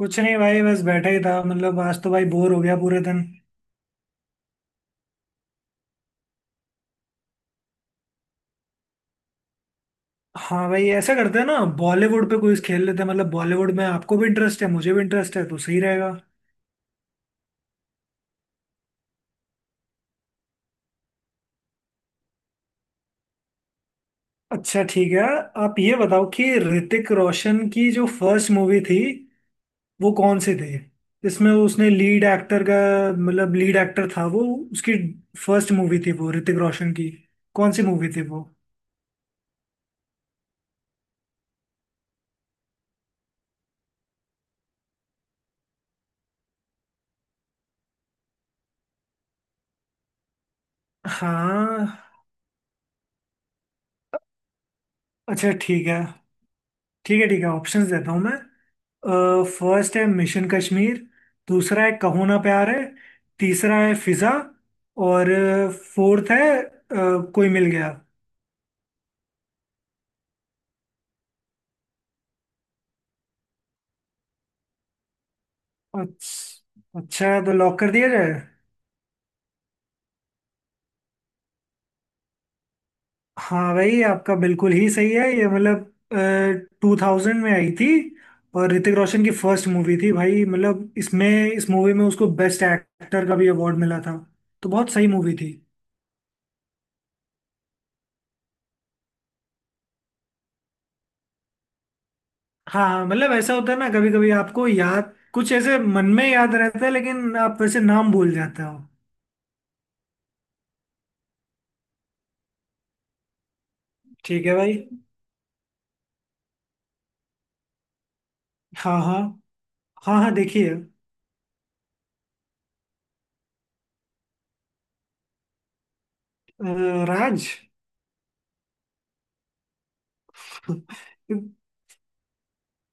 कुछ नहीं भाई बस बैठा ही था मतलब आज तो भाई बोर हो गया पूरे दिन। हाँ भाई ऐसा करते हैं ना बॉलीवुड पे क्विज खेल लेते हैं। मतलब बॉलीवुड में आपको भी इंटरेस्ट है मुझे भी इंटरेस्ट है तो सही रहेगा। अच्छा ठीक है। आप ये बताओ कि ऋतिक रोशन की जो फर्स्ट मूवी थी वो कौन सी थी। इसमें उसने लीड एक्टर का मतलब लीड एक्टर था वो। उसकी फर्स्ट मूवी थी वो ऋतिक रोशन की। कौन सी मूवी थी वो। हाँ। अच्छा ठीक है। ठीक है ठीक है ऑप्शंस देता हूँ मैं। फर्स्ट है मिशन कश्मीर। दूसरा है कहो ना प्यार है। तीसरा है फिजा। और फोर्थ है कोई मिल गया। अच्छा अच्छा तो लॉक कर दिया जाए। हाँ भाई आपका बिल्कुल ही सही है ये मतलब 2000 में आई थी और ऋतिक रोशन की फर्स्ट मूवी थी भाई। मतलब इसमें इस मूवी में उसको बेस्ट एक्टर का भी अवार्ड मिला था तो बहुत सही मूवी थी। हाँ मतलब ऐसा होता है ना कभी कभी आपको याद कुछ ऐसे मन में याद रहता है लेकिन आप वैसे नाम भूल जाते हो। ठीक है भाई। हाँ हाँ। हाँ हाँ देखिए राज।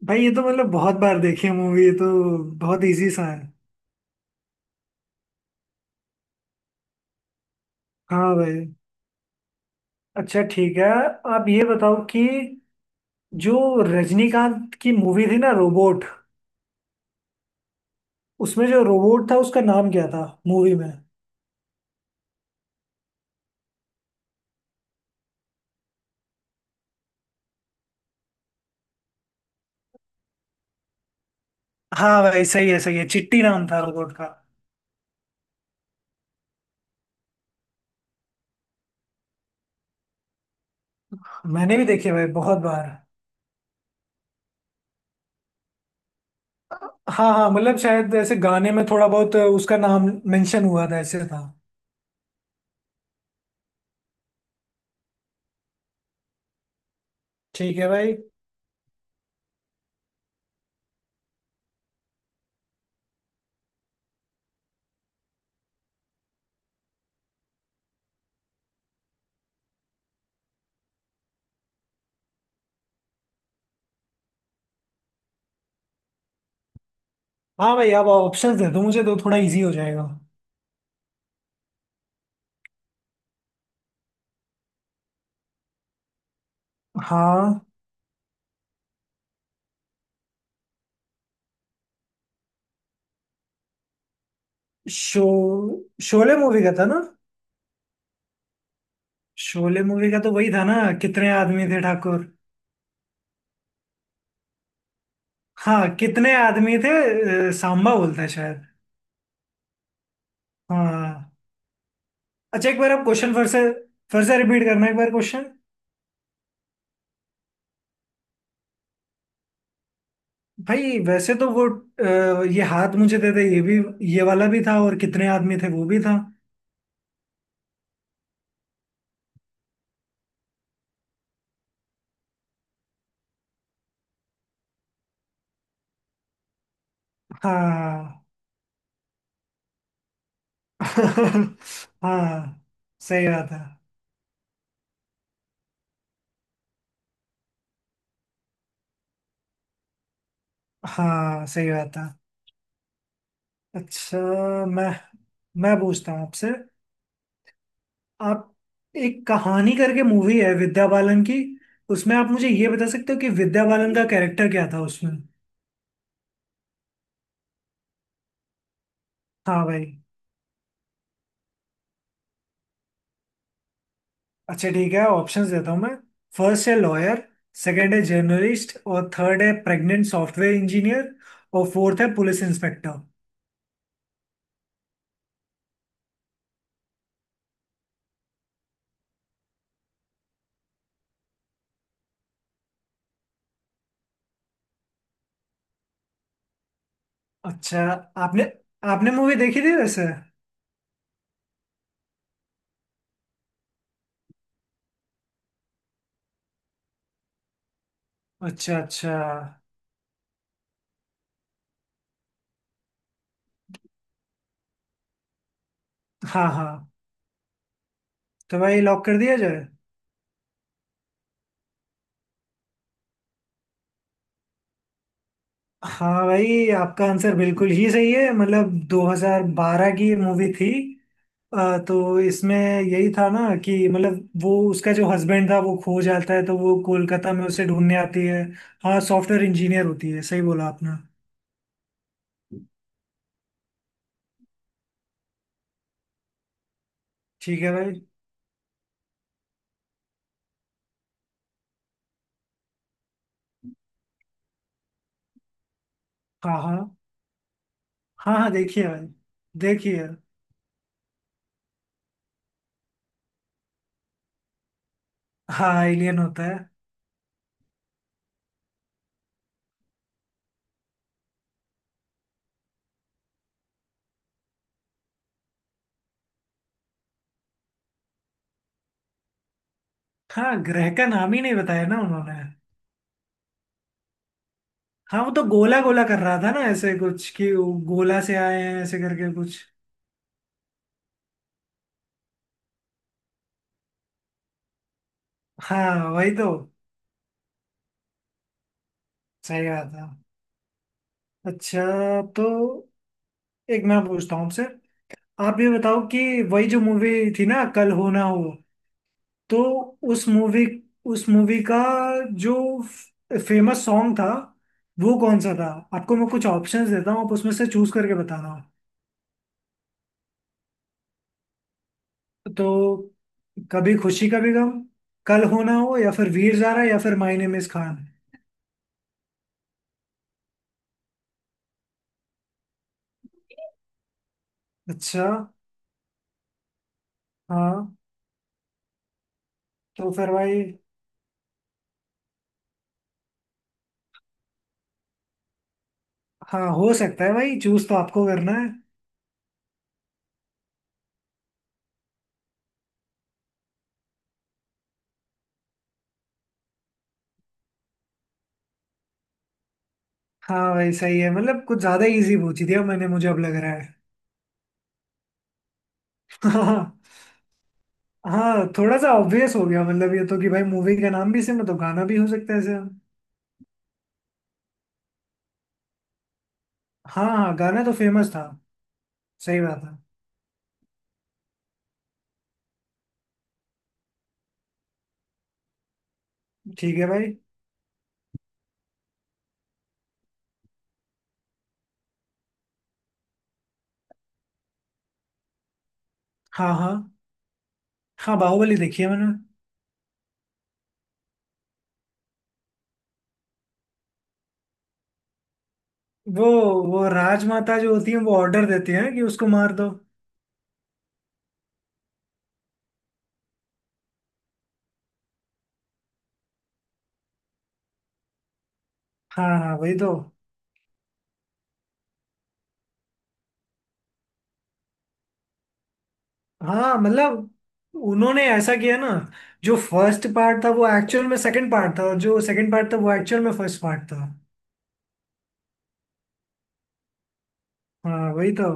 भाई ये तो मतलब बहुत बार देखी है मूवी ये तो। बहुत इजी सा है। हाँ भाई। अच्छा ठीक है। आप ये बताओ कि जो रजनीकांत की मूवी थी ना रोबोट उसमें जो रोबोट था उसका नाम क्या था मूवी में। हाँ भाई सही है चिट्टी नाम था रोबोट का। मैंने भी देखी है भाई बहुत बार। हाँ हाँ मतलब शायद ऐसे गाने में थोड़ा बहुत उसका नाम मेंशन हुआ था ऐसे था। ठीक है भाई। हाँ भाई आप ऑप्शंस दे दो मुझे तो थोड़ा इजी हो जाएगा। हाँ। शो शोले मूवी का था ना। शोले मूवी का तो वही था ना। कितने आदमी थे ठाकुर। हाँ कितने आदमी थे सांबा बोलता है शायद। हाँ। अच्छा एक बार आप क्वेश्चन फिर से। फिर से रिपीट करना एक बार क्वेश्चन। भाई वैसे तो वो ये हाथ मुझे दे दे ये भी। ये वाला भी था और कितने आदमी थे वो भी था। हाँ। हाँ सही बात है। हाँ। सही बात है। अच्छा मैं मैं पूछता हूँ आपसे। आप एक कहानी करके मूवी है विद्या बालन की। उसमें आप मुझे ये बता सकते हो कि विद्या बालन का कैरेक्टर क्या था उसमें। हाँ भाई। अच्छा ठीक है ऑप्शंस देता हूँ मैं। फर्स्ट है लॉयर। सेकंड है जर्नलिस्ट और थर्ड है प्रेग्नेंट सॉफ्टवेयर इंजीनियर। और फोर्थ है पुलिस इंस्पेक्टर। अच्छा। आपने आपने मूवी देखी थी वैसे। अच्छा अच्छा। हाँ हाँ तो भाई लॉक कर दिया जाए। हाँ भाई आपका आंसर बिल्कुल ही सही है मतलब 2012 की मूवी थी। अ, तो इसमें यही था ना कि मतलब वो उसका जो हस्बैंड था वो खो जाता है तो वो कोलकाता में उसे ढूंढने आती है। हाँ सॉफ्टवेयर इंजीनियर होती है सही बोला आपने। ठीक है भाई। हाँ हाँ। हाँ हाँ देखिए भाई। देखिए। हाँ एलियन होता है। हाँ ग्रह का नाम ही नहीं बताया ना उन्होंने। हाँ वो तो गोला गोला कर रहा था ना ऐसे कुछ कि वो गोला से आए हैं ऐसे करके कुछ। हाँ वही तो। सही बात है। अच्छा तो एक मैं पूछता हूँ आपसे। आप ये बताओ कि वही जो मूवी थी ना कल हो ना हो तो उस मूवी उस मूवी का जो फेमस सॉन्ग था वो कौन सा था। आपको मैं कुछ ऑप्शंस देता हूँ आप उसमें से चूज करके बताना। तो कभी खुशी कभी गम। कल हो ना हो या फिर वीर ज़ारा या फिर माय नेम इज खान। अच्छा। हाँ। तो फिर भाई। हाँ हो सकता है भाई चूज तो आपको करना है। हाँ भाई सही है मतलब कुछ ज्यादा इजी पूछ दिया मैंने मुझे अब लग रहा है। हाँ। हाँ थोड़ा सा ऑब्वियस हो गया मतलब ये तो कि भाई मूवी का नाम भी सेम है तो गाना भी हो सकता है सेम। हाँ हाँ गाना तो फेमस था। सही बात है। ठीक है भाई। हाँ हाँ। हाँ बाहुबली देखी है मैंने। वो वो राजमाता जो होती है वो ऑर्डर देती है कि उसको मार दो। हाँ हाँ वही तो। हाँ मतलब उन्होंने ऐसा किया ना जो फर्स्ट पार्ट था वो एक्चुअल में सेकंड पार्ट था और जो सेकंड पार्ट था वो एक्चुअल में फर्स्ट पार्ट था। हाँ वही तो।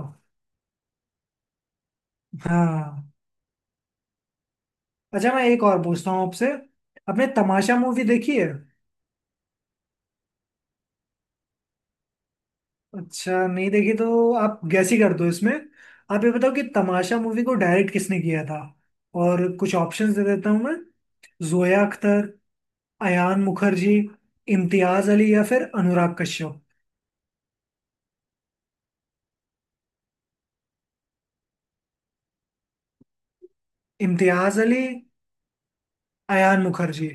हाँ। अच्छा मैं एक और पूछता हूँ आपसे। आपने तमाशा मूवी देखी है। अच्छा नहीं देखी तो आप गैस ही कर दो इसमें। आप ये बताओ कि तमाशा मूवी को डायरेक्ट किसने किया था और कुछ ऑप्शंस दे देता हूँ मैं। जोया अख्तर। अयान मुखर्जी। इम्तियाज अली या फिर अनुराग कश्यप। इम्तियाज अली। अयान मुखर्जी।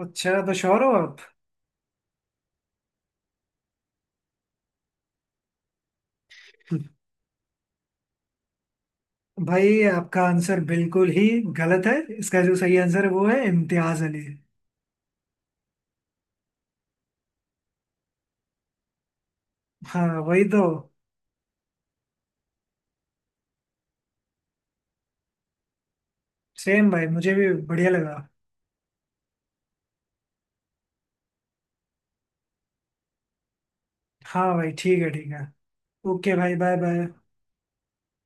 अच्छा तो श्योर हो आप। भाई आपका आंसर बिल्कुल ही गलत है। इसका जो सही आंसर है वो है इम्तियाज अली। हाँ वही तो। सेम भाई मुझे भी बढ़िया लगा। हाँ भाई ठीक है ठीक है। ओके भाई बाय बाय।